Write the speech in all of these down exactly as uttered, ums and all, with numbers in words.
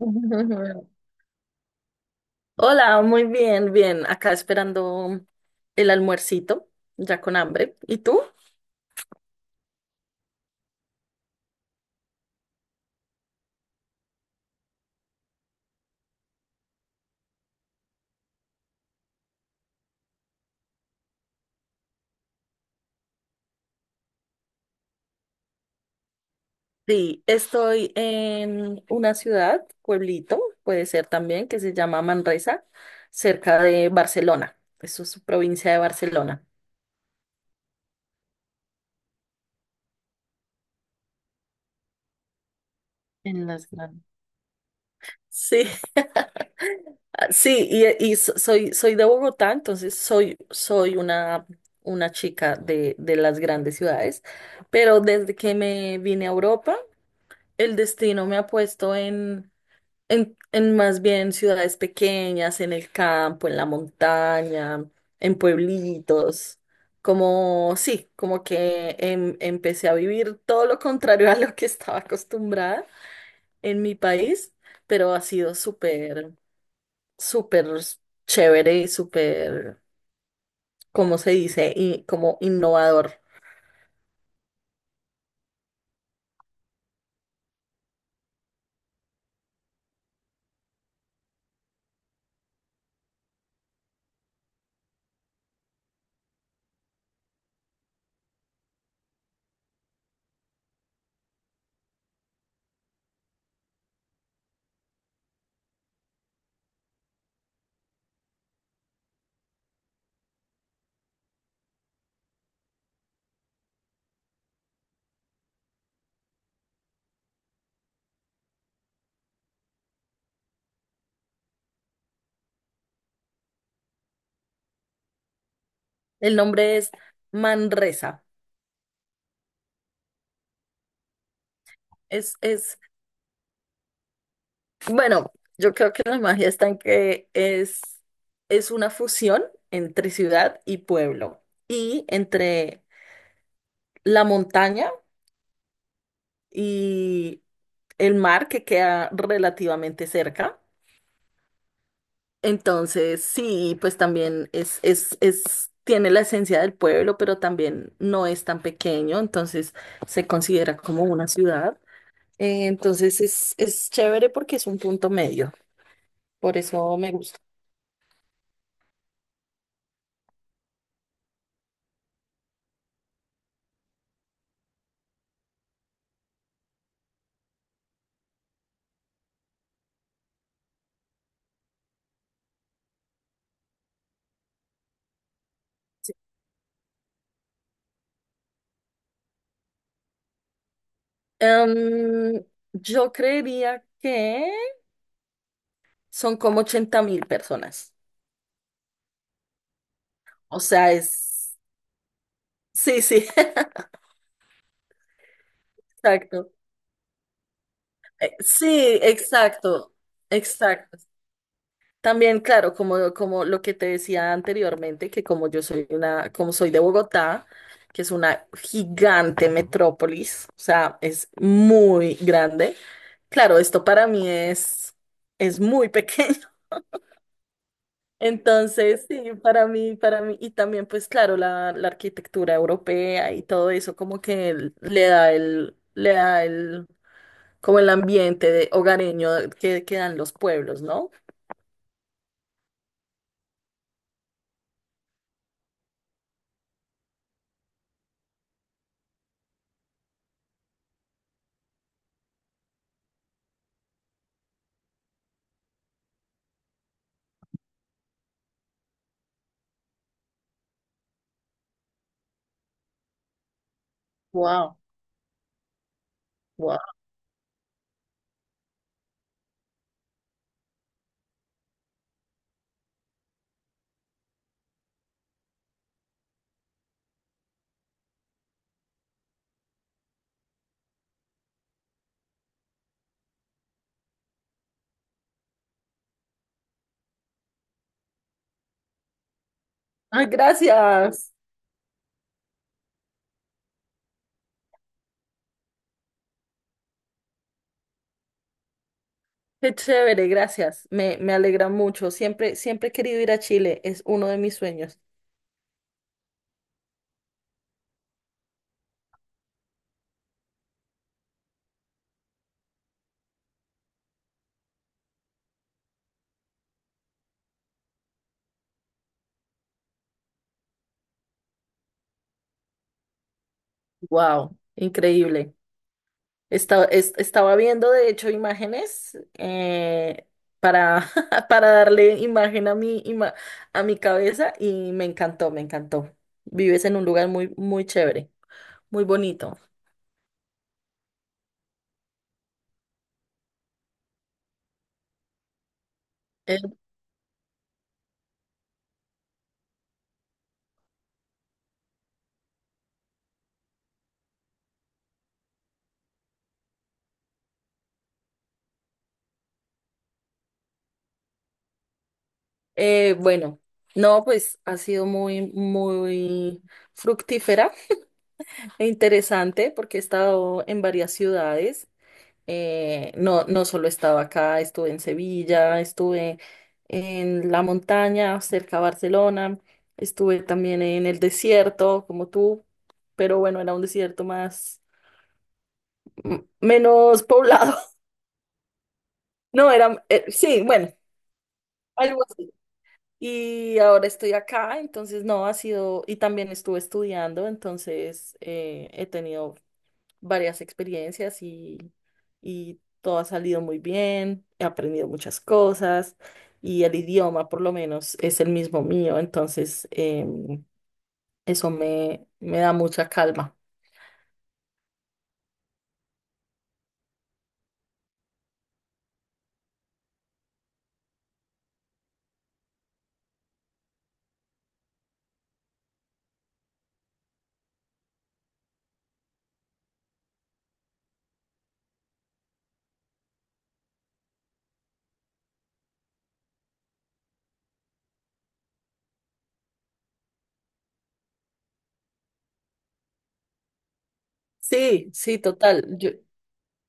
Hola, muy bien, bien. Acá esperando el almuercito, ya con hambre. ¿Y tú? Sí, estoy en una ciudad, pueblito, puede ser también, que se llama Manresa, cerca de Barcelona. Eso es su provincia de Barcelona. En las grandes. Sí, Ah, sí, y, y so- soy, soy de Bogotá, entonces soy, soy una, una chica de, de las grandes ciudades, pero desde que me vine a Europa, el destino me ha puesto en, en, en más bien ciudades pequeñas, en el campo, en la montaña, en pueblitos. Como, sí, como que em- empecé a vivir todo lo contrario a lo que estaba acostumbrada en mi país, pero ha sido súper, súper chévere y súper, ¿cómo se dice? Y como innovador. El nombre es Manresa. Es, es Bueno, yo creo que la magia está en que es, es una fusión entre ciudad y pueblo y entre la montaña y el mar que queda relativamente cerca. Entonces, sí, pues también es, es, es, tiene la esencia del pueblo, pero también no es tan pequeño, entonces se considera como una ciudad. Eh, entonces es, es chévere porque es un punto medio, por eso me gusta. Em, yo creería que son como ochenta mil personas. O sea, es... Sí, sí, exacto. Eh, Sí, exacto, exacto. También, claro, como, como lo que te decía anteriormente, que como yo soy una, como soy de Bogotá, que es una gigante metrópolis, o sea, es muy grande. Claro, esto para mí es, es muy pequeño. Entonces, sí, para mí, para mí, y también pues claro, la, la arquitectura europea y todo eso como que l- le da el, le da el, como el ambiente de hogareño que, que dan los pueblos, ¿no? Wow, wow. Ay, gracias. Qué chévere, gracias. Me, me alegra mucho. Siempre, siempre he querido ir a Chile. Es uno de mis sueños. Wow, increíble. Esta- es- estaba viendo, de hecho, imágenes eh, para, para darle imagen a mi, ima- a mi cabeza y me encantó, me encantó. Vives en un lugar muy, muy chévere, muy bonito. Eh, eh, bueno, no, pues ha sido muy, muy fructífera e interesante porque he estado en varias ciudades. Eh, no, no solo estaba acá, estuve en Sevilla, estuve en la montaña cerca a Barcelona, estuve también en el desierto, como tú, pero bueno, era un desierto más, m- menos poblado. No, era, eh, sí, bueno, algo así. Y ahora estoy acá, entonces no ha sido, y también estuve estudiando, entonces eh, he tenido varias experiencias y, y todo ha salido muy bien, he aprendido muchas cosas y el idioma por lo menos es el mismo mío, entonces em, eso me, me da mucha calma. Sí, sí, total. Yo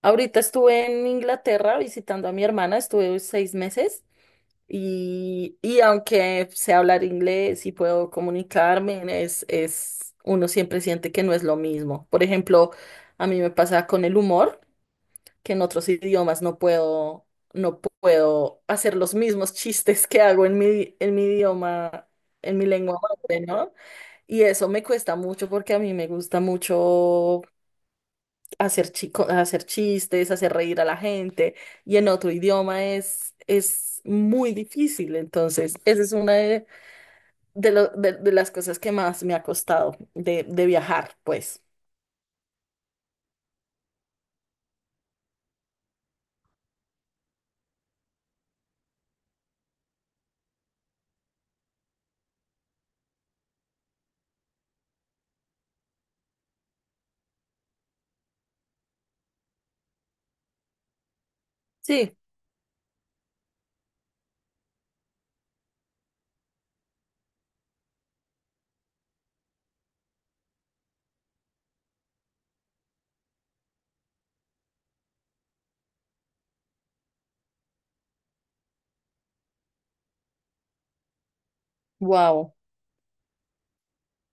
ahorita estuve en Inglaterra visitando a mi hermana, estuve seis meses. Y, y aunque sé hablar inglés y puedo comunicarme, es, es, uno siempre siente que no es lo mismo. Por ejemplo, a mí me pasa con el humor, que en otros idiomas no puedo, no puedo hacer los mismos chistes que hago en mi, en mi idioma, en mi lengua madre, ¿no? Y eso me cuesta mucho porque a mí me gusta mucho hacer chico, hacer chistes, hacer reír a la gente, y en otro idioma es, es muy difícil. Entonces, esa es una de, de, lo- de- de las cosas que más me ha costado de, de viajar, pues. Sí, wow.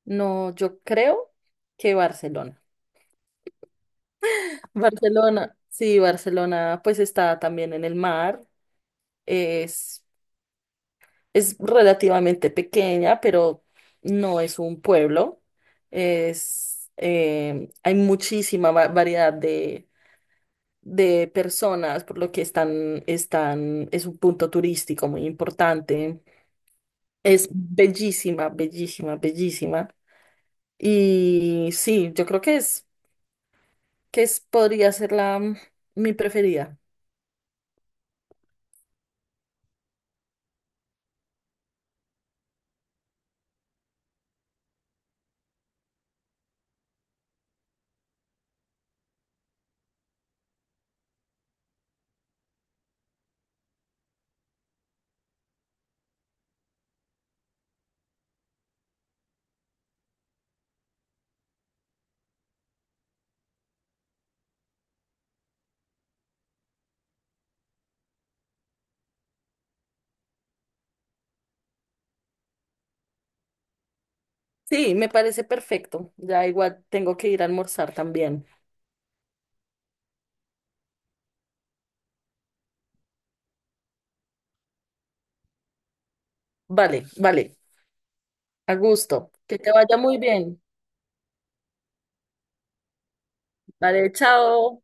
No, yo creo que Barcelona. Barcelona, sí, Barcelona, pues está también en el mar, es Es relativamente pequeña, pero no es un pueblo. Es, eh, hay muchísima va- variedad de, de personas, por lo que están, están, es un punto turístico muy importante. Es bellísima, bellísima, bellísima. Y sí, yo creo que es, que es, podría ser la, mm, mi preferida. Sí, me parece perfecto. Ya igual tengo que ir a almorzar también. Vale, vale. A gusto. Que te vaya muy bien. Vale, chao.